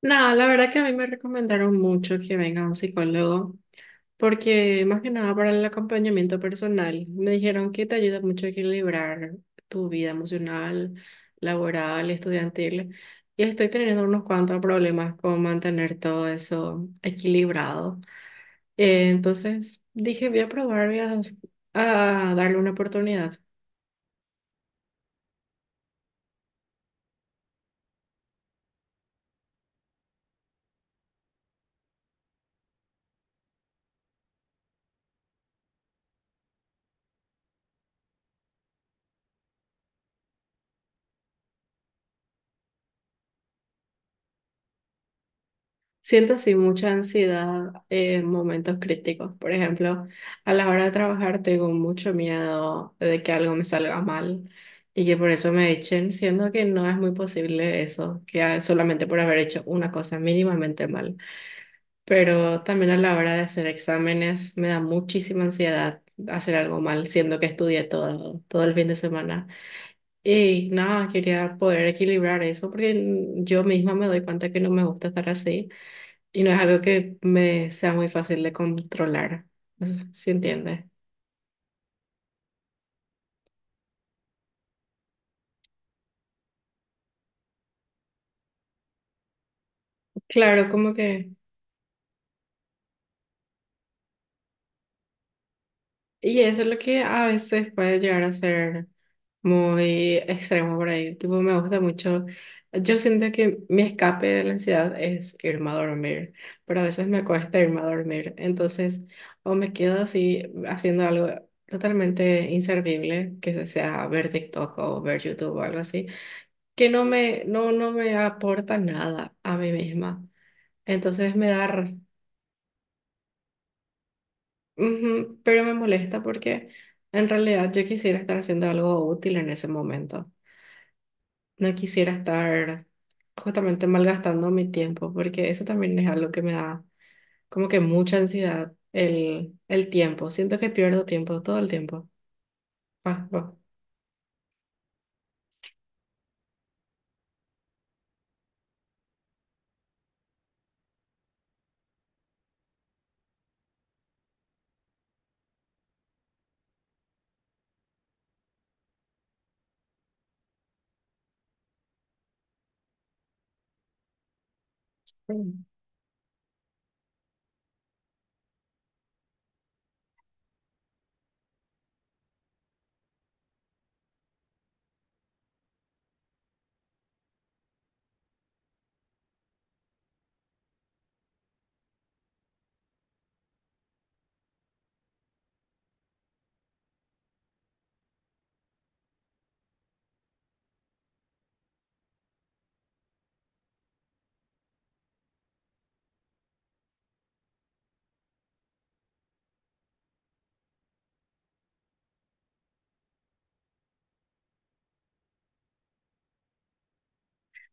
No, la verdad que a mí me recomendaron mucho que venga un psicólogo, porque más que nada para el acompañamiento personal, me dijeron que te ayuda mucho a equilibrar tu vida emocional, laboral, estudiantil, y estoy teniendo unos cuantos problemas con mantener todo eso equilibrado. Entonces dije, voy a probar, a darle una oportunidad. Siento así mucha ansiedad en momentos críticos. Por ejemplo, a la hora de trabajar tengo mucho miedo de que algo me salga mal y que por eso me echen, siendo que no es muy posible eso, solamente por haber hecho una cosa mínimamente mal. Pero también a la hora de hacer exámenes me da muchísima ansiedad hacer algo mal, siendo que estudié todo el fin de semana. Y nada, quería poder equilibrar eso porque yo misma me doy cuenta que no me gusta estar así. Y no es algo que me sea muy fácil de controlar, no sé si entiende. Claro, como que... Y eso es lo que a veces puede llegar a ser muy extremo por ahí. Tipo, me gusta mucho. Yo siento que mi escape de la ansiedad es irme a dormir, pero a veces me cuesta irme a dormir. Entonces, o me quedo así haciendo algo totalmente inservible, sea ver TikTok o ver YouTube o algo así, que no no me aporta nada a mí misma. Entonces ujú, pero me molesta porque en realidad yo quisiera estar haciendo algo útil en ese momento. No quisiera estar justamente malgastando mi tiempo porque eso también es algo que me da como que mucha ansiedad, el tiempo. Siento que pierdo tiempo todo el tiempo. Ah, ah. Sí.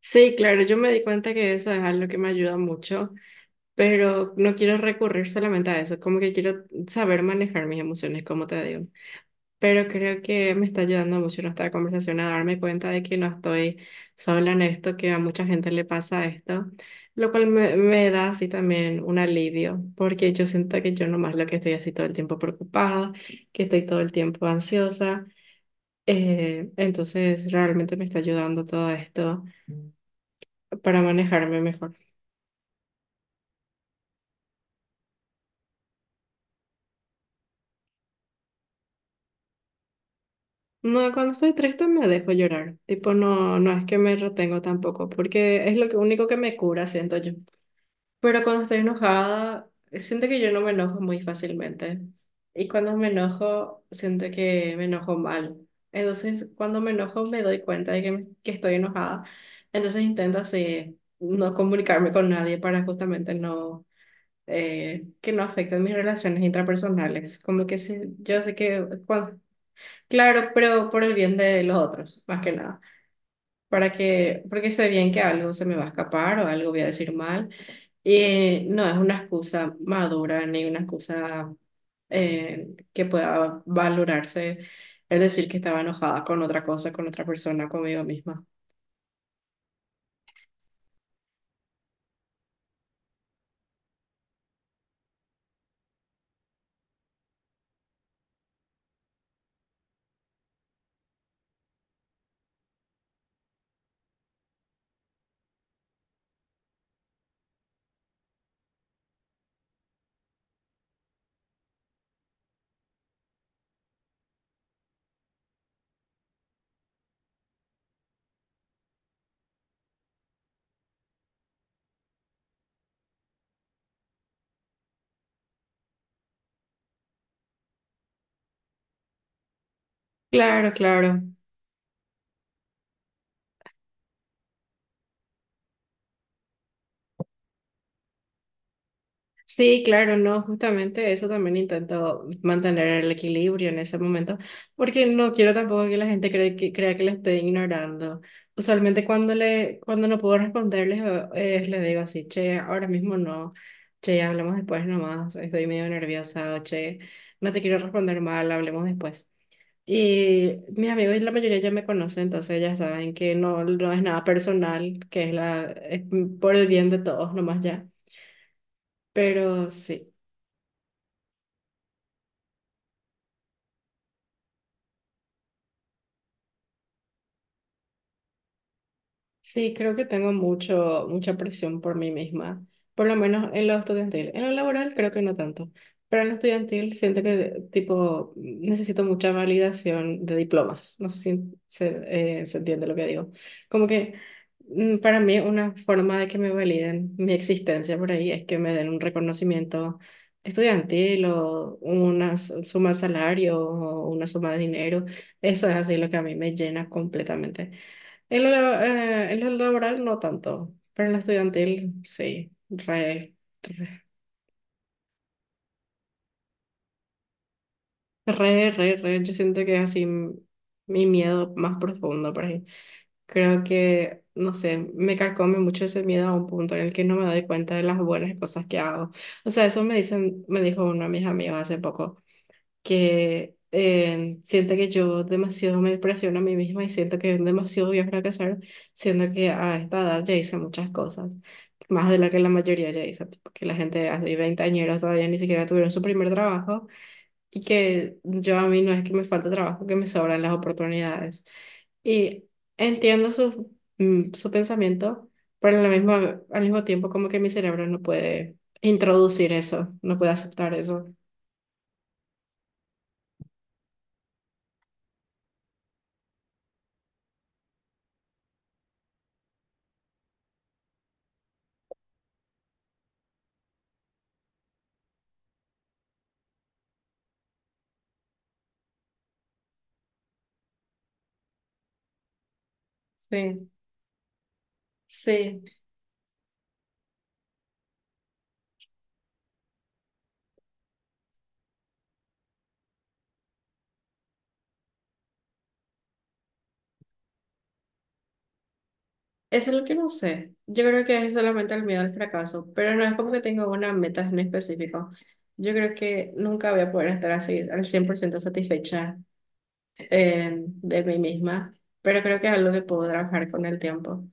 Sí, claro, yo me di cuenta que eso es algo que me ayuda mucho, pero no quiero recurrir solamente a eso, como que quiero saber manejar mis emociones, como te digo. Pero creo que me está ayudando mucho nuestra conversación a darme cuenta de que no estoy sola en esto, que a mucha gente le pasa esto, lo cual me da así también un alivio, porque yo siento que yo nomás lo que estoy así todo el tiempo preocupada, que estoy todo el tiempo ansiosa, entonces realmente me está ayudando todo esto para manejarme mejor. No, cuando estoy triste me dejo llorar, tipo no, no es que me retengo tampoco, porque es lo único que me cura, siento yo. Pero cuando estoy enojada, siento que yo no me enojo muy fácilmente. Y cuando me enojo, siento que me enojo mal. Entonces, cuando me enojo, me doy cuenta de que estoy enojada. Entonces, intento así, no comunicarme con nadie para justamente que no afecten mis relaciones intrapersonales. Como que sí, yo sé que. Claro, pero por el bien de los otros, más que nada para que, porque sé bien que algo se me va a escapar o algo voy a decir mal. Y no es una excusa madura ni una excusa que pueda valorarse el decir que estaba enojada con otra cosa, con otra persona, conmigo misma. Claro, claro. Sí, claro, no, justamente eso también intento mantener el equilibrio en ese momento, porque no quiero tampoco que la gente crea que le estoy ignorando. Usualmente cuando no puedo responderles, les digo así, che, ahora mismo no, che, hablamos después nomás, estoy medio nerviosa, o che, no te quiero responder mal, hablemos después. Y mis amigos, la mayoría ya me conocen, entonces ya saben que no, no es nada personal, que es es por el bien de todos nomás ya. Pero sí. Sí, creo que tengo mucha presión por mí misma, por lo menos en lo estudiantil. En lo laboral creo que no tanto, pero en lo estudiantil siento que tipo necesito mucha validación de diplomas. No sé si se entiende lo que digo. Como que para mí una forma de que me validen mi existencia por ahí es que me den un reconocimiento estudiantil o una suma de salario o una suma de dinero. Eso es así lo que a mí me llena completamente. En en lo laboral no tanto, pero en lo estudiantil sí, re, re. Yo siento que es mi miedo más profundo por ahí. Creo que, no sé, me carcome mucho ese miedo a un punto en el que no me doy cuenta de las buenas cosas que hago. O sea, eso me dicen, me dijo uno de mis amigos hace poco que siento que yo demasiado me presiono a mí misma y siento que demasiado voy a fracasar, siendo que a esta edad ya hice muchas cosas, más de lo que la mayoría ya hizo, tipo, que la gente hace 20 años todavía ni siquiera tuvieron su primer trabajo y que yo a mí no es que me falte trabajo, que me sobran las oportunidades. Y entiendo su pensamiento, pero a al mismo tiempo como que mi cerebro no puede introducir eso, no puede aceptar eso. Sí, sí. Eso es lo que no sé. Yo creo que es solamente el miedo al fracaso, pero no es como que tenga una meta en específico. Yo creo que nunca voy a poder estar así al 100% satisfecha de mí misma, pero creo que es algo que puedo trabajar con el tiempo.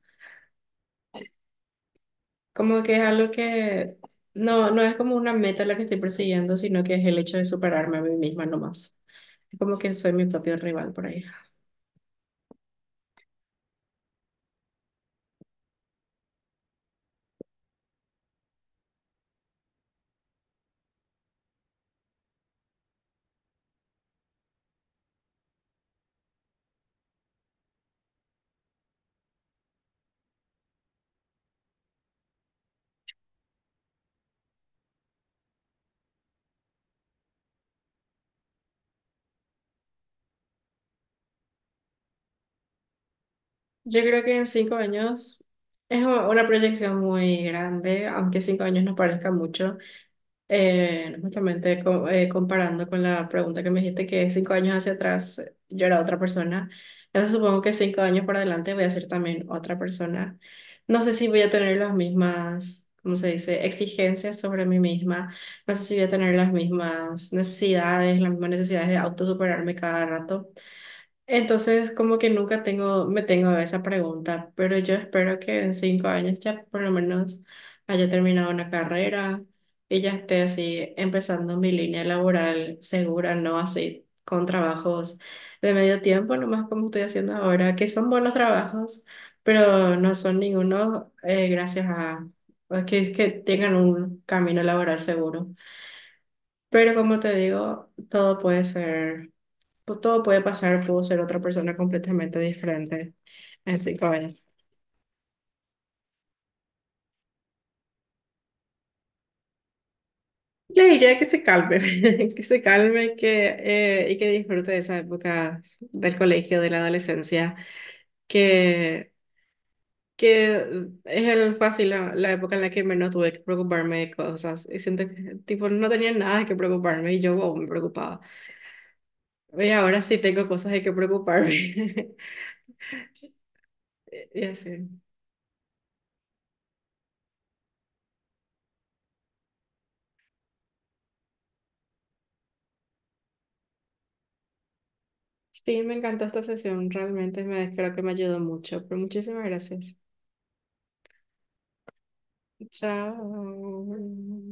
Como que es algo que no es como una meta la que estoy persiguiendo, sino que es el hecho de superarme a mí misma nomás. Es como que soy mi propio rival por ahí. Yo creo que en cinco años es una proyección muy grande, aunque cinco años no parezca mucho. Justamente comparando con la pregunta que me dijiste que cinco años hacia atrás yo era otra persona, entonces supongo que cinco años para adelante voy a ser también otra persona. No sé si voy a tener las mismas, ¿cómo se dice?, exigencias sobre mí misma, no sé si voy a tener las mismas necesidades de autosuperarme cada rato. Entonces, como que nunca me tengo a esa pregunta, pero yo espero que en cinco años ya por lo menos haya terminado una carrera y ya esté así empezando mi línea laboral segura, no así con trabajos de medio tiempo, nomás como estoy haciendo ahora, que son buenos trabajos, pero no son ninguno gracias a que tengan un camino laboral seguro. Pero como te digo, todo puede ser pues, todo puede pasar, puedo ser otra persona completamente diferente en cinco años. Le diría que se calme, que se calme y que disfrute de esa época del colegio, de la adolescencia, que, que es el fácil la época en la que menos tuve que preocuparme de cosas. Y siento que tipo, no tenía nada que preocuparme y yo wow, me preocupaba. Y ahora sí tengo cosas de que preocuparme. Y así. Sí, me encantó esta sesión, realmente me creo que me ayudó mucho, pero muchísimas gracias. Chao.